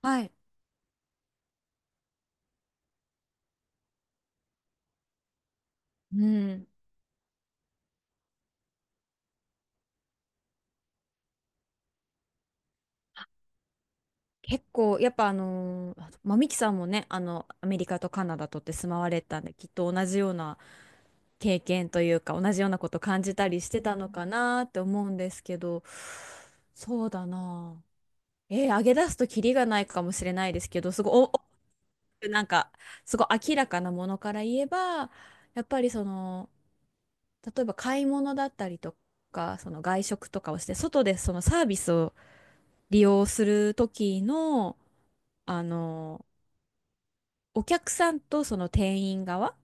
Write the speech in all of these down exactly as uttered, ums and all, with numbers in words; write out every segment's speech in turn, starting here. はい。うん。結構、やっぱあのー、まあ、ミキさんもね、あの、アメリカとカナダとって住まわれたんで、きっと同じような経験というか、同じようなこと感じたりしてたのかなって思うんですけど、そうだなあ。えー、上げ出すとキリがないかもしれないですけど、すごい、お、おなんか、すごい明らかなものから言えば、やっぱりその、例えば買い物だったりとか、その外食とかをして、外でそのサービスを利用する時の、あの、お客さんとその店員側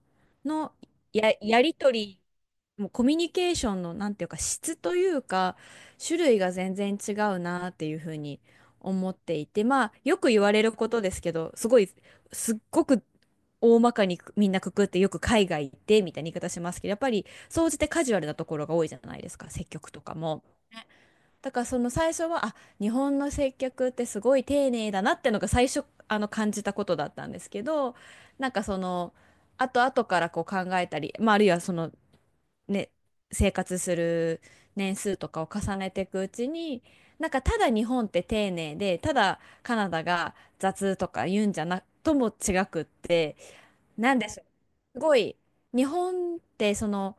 のや、やり取り、もうコミュニケーションの、なんていうか、質というか、種類が全然違うなっていうふうに思っていて、まあ、よく言われることですけど、すごい、すっごく大まかにみんなくくって、よく海外行ってみたいな言い方しますけど、やっぱり、総じてカジュアルなところが多いじゃないですか、接客とかも。だからその最初は、あ、日本の接客ってすごい丁寧だなってのが最初、あの感じたことだったんですけど、なんかその、後々からこう考えたり、まあ、あるいはそのね、生活する年数とかを重ねていくうちに、なんかただ日本って丁寧で、ただカナダが雑とか言うんじゃなとも違くって、なんでしょう。すごい、日本ってその、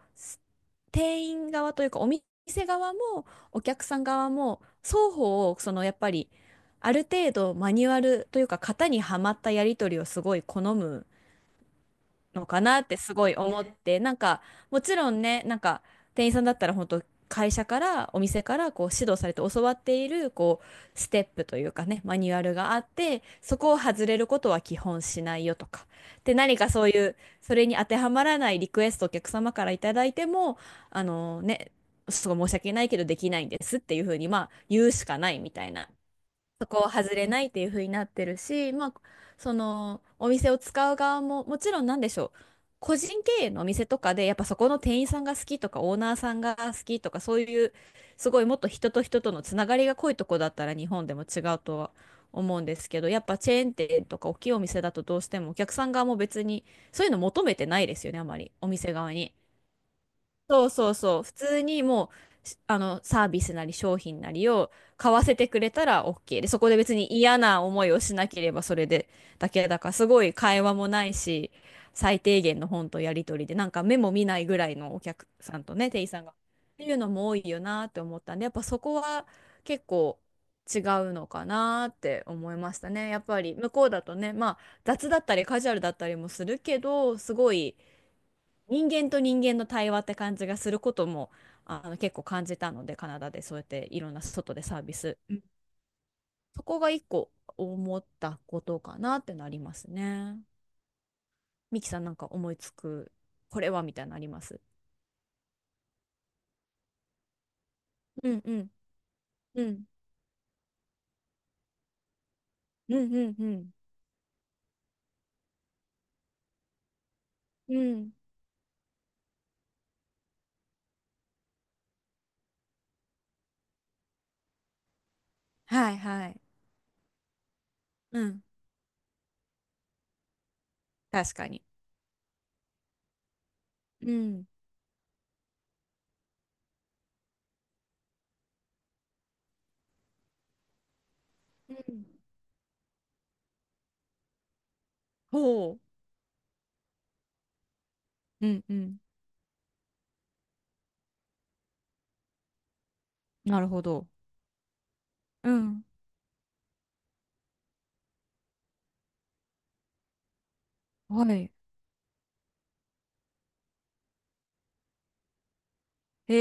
店員側というかお店側もお客さん側も双方をそのやっぱりある程度マニュアルというか型にはまったやり取りをすごい好むのかなってすごい思って、なんかもちろんね、なんか店員さんだったら本当会社からお店からこう指導されて教わっているこうステップというかね、マニュアルがあって、そこを外れることは基本しないよとか。で、何かそういうそれに当てはまらないリクエストをお客様からいただいても、あのね、すごい申し訳ないけどできないんですっていうふうにまあ言うしかないみたいな、そこを外れないっていう風になってるし、まあ、そのお店を使う側ももちろんなんでしょう、個人経営のお店とかでやっぱそこの店員さんが好きとかオーナーさんが好きとか、そういうすごいもっと人と人とのつながりが濃いとこだったら日本でも違うとは思うんですけど、やっぱチェーン店とか大きいお店だとどうしてもお客さん側も別にそういうの求めてないですよね、あまりお店側に。そうそうそう。普通にもう、しあの、サービスなり商品なりを買わせてくれたら OK で、そこで別に嫌な思いをしなければそれでだけだから、すごい会話もないし、最低限の本とやり取りで、なんか目も見ないぐらいのお客さんとね、店員さんが。っていうのも多いよなって思ったんで、やっぱそこは結構違うのかなって思いましたね。やっぱり向こうだとね、まあ雑だったりカジュアルだったりもするけど、すごい。人間と人間の対話って感じがすることもあの結構感じたので、カナダでそうやっていろんな外でサービス、うん、そこが一個思ったことかなってなりますね。ミキさんなんか思いつくこれはみたいなのあります？うんうんうんうんうんうんうん。はいはい。うん。確かに。うんうん。ほう。うんうん。なるほど。うん。はい。へ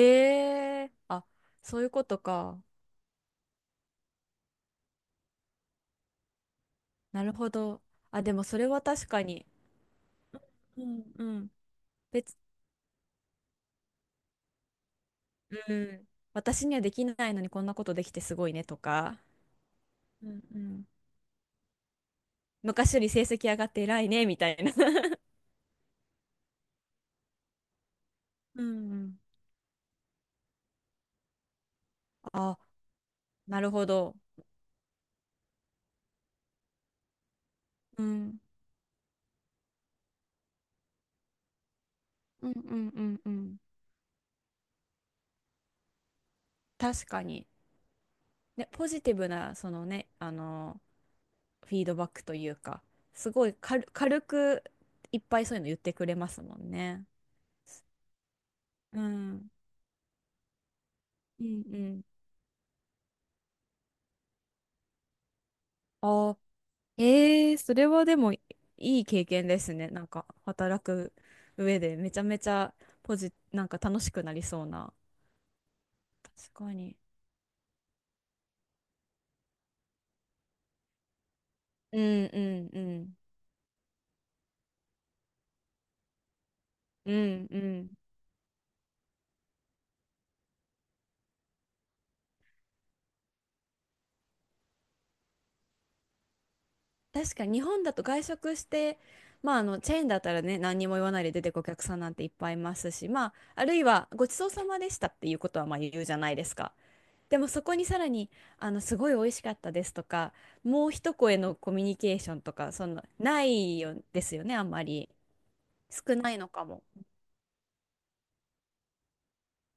え、あ、そういうことか。なるほど。あ、でもそれは確かに。うんうん。別、うん。私にはできないのにこんなことできてすごいねとか、うんうん。昔より成績上がって偉いねみたいな。うんうん。あ、なるほど。うん。うんうんうんうん。確かに。ね、ポジティブな、そのね、あの、フィードバックというか、すごい軽、軽くいっぱいそういうの言ってくれますもんね。うん。うんうん。あ、ええ、それはでもいい経験ですね。なんか働く上でめちゃめちゃポジ、なんか楽しくなりそうな。確かに。うんうんうん。うんうん。確かに日本だと外食して、まああのチェーンだったらね、何にも言わないで出てくお客さんなんていっぱいいますし、まああるいはごちそうさまでしたっていうことはまあ言うじゃないですか。でもそこにさらにあのすごい美味しかったですとか、もう一声のコミュニケーションとか、そのないよですよね、あんまり。少ないのかも。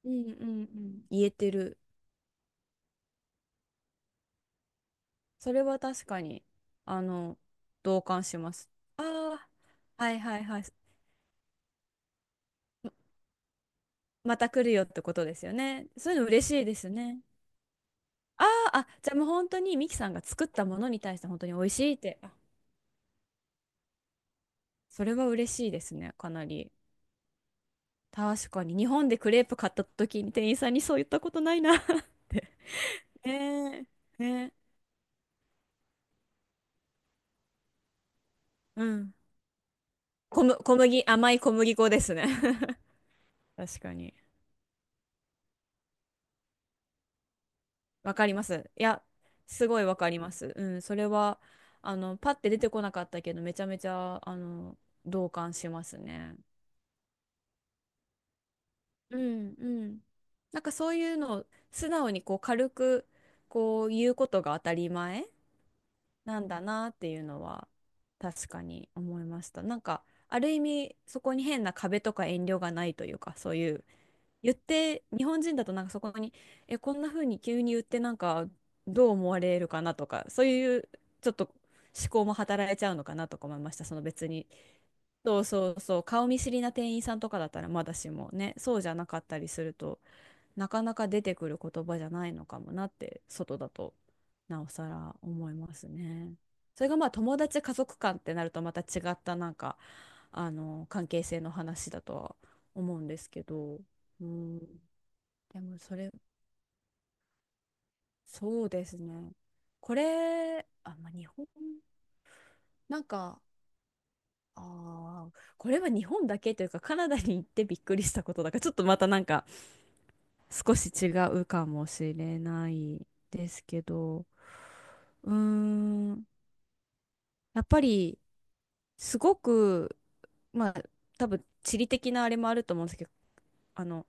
うんうんうん。言えてる。それは確かに、あの、同感します。ああ、はいはいはい。また来るよってことですよね。そういうの嬉しいですね。あーあ、じゃあもう本当にミキさんが作ったものに対して本当に美味しいって、あ、それは嬉しいですね、かなり。確かに、日本でクレープ買った時に店員さんにそう言ったことないな って。ねえ、ねえ、うん。小む、小麦、甘い小麦粉ですね 確かに。わかります。いや、すごいわかります。うん、それは、あの、パッて出てこなかったけど、めちゃめちゃ、あの、同感しますね。うん、うん。なんかそういうのを素直にこう軽く、こう言うことが当たり前なんだなっていうのは確かに思いました。なんかある意味、そこに変な壁とか遠慮がないというか、そういう言って、日本人だとなんかそこに、え、こんな風に急に言ってなんかどう思われるかなとか、そういうちょっと思考も働いちゃうのかなとか思いました。その別に。そうそうそう、顔見知りな店員さんとかだったらまだしもね、そうじゃなかったりすると、なかなか出てくる言葉じゃないのかもなって、外だとなおさら思いますね。それがまあ友達家族間ってなるとまた違った、なんかあの関係性の話だとは思うんですけど、うん、でもそれ、そうですね。これ、あ、まあ、日本、なんか、あー、これは日本だけというか、カナダに行ってびっくりしたことだから、ちょっとまたなんか、少し違うかもしれないですけど、うーん、やっぱり、すごく、まあ、多分地理的なあれもあると思うんですけど、あの、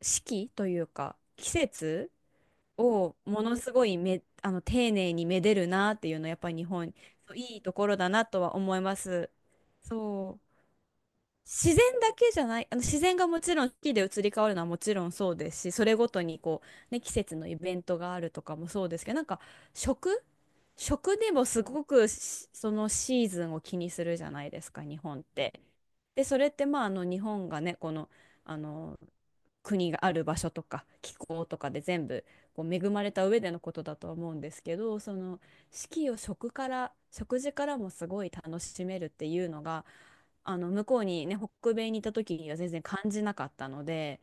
四季というか、季節をものすごいめ、あの丁寧にめでるなっていうのはやっぱり日本、そういいところだなとは思います。そう。自然だけじゃない、あの自然がもちろん四季で移り変わるのはもちろんそうですし、それごとにこう、ね、季節のイベントがあるとかもそうですけど、なんか食、食でもすごくしそのシーズンを気にするじゃないですか、日本って。で、それってまあ、あの日本がね、この、あの国がある場所とか気候とかで全部こう恵まれた上でのことだと思うんですけど、その四季を食から、食事からもすごい楽しめるっていうのがあの向こうにね、北米にいた時には全然感じなかったので、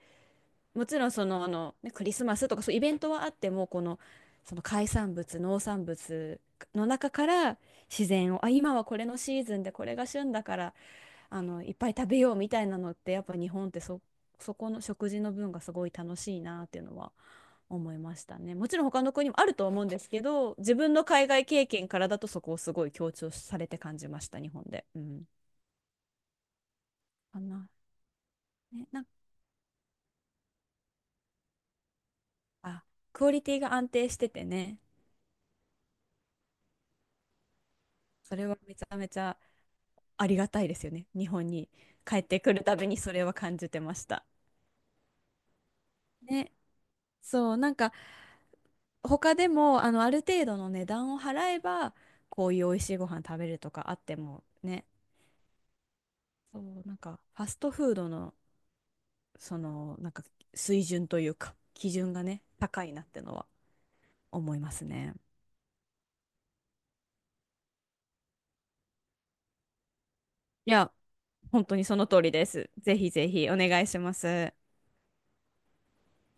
もちろんその、あの、ね、クリスマスとかそういうイベントはあっても、この、その海産物農産物の中から自然を、あ、今はこれのシーズンでこれが旬だから、あのいっぱい食べようみたいなのって、やっぱ日本ってそ、そこの食事の分がすごい楽しいなっていうのは思いましたね。もちろん他の国もあると思うんですけど、自分の海外経験からだとそこをすごい強調されて感じました、日本で。うん、かな、ね、なんか、あ、クオリティが安定しててね、それはめちゃめちゃありがたいですよね、日本に帰ってくるたびにそれは感じてました。ね、そうなんか、他でもあのある程度の値段を払えばこういう美味しいご飯食べるとかあってもね、そうなんかファストフードの、そのなんか水準というか基準がね、高いなってのは思いますね。いや、本当にその通りです。ぜひぜひお願いします。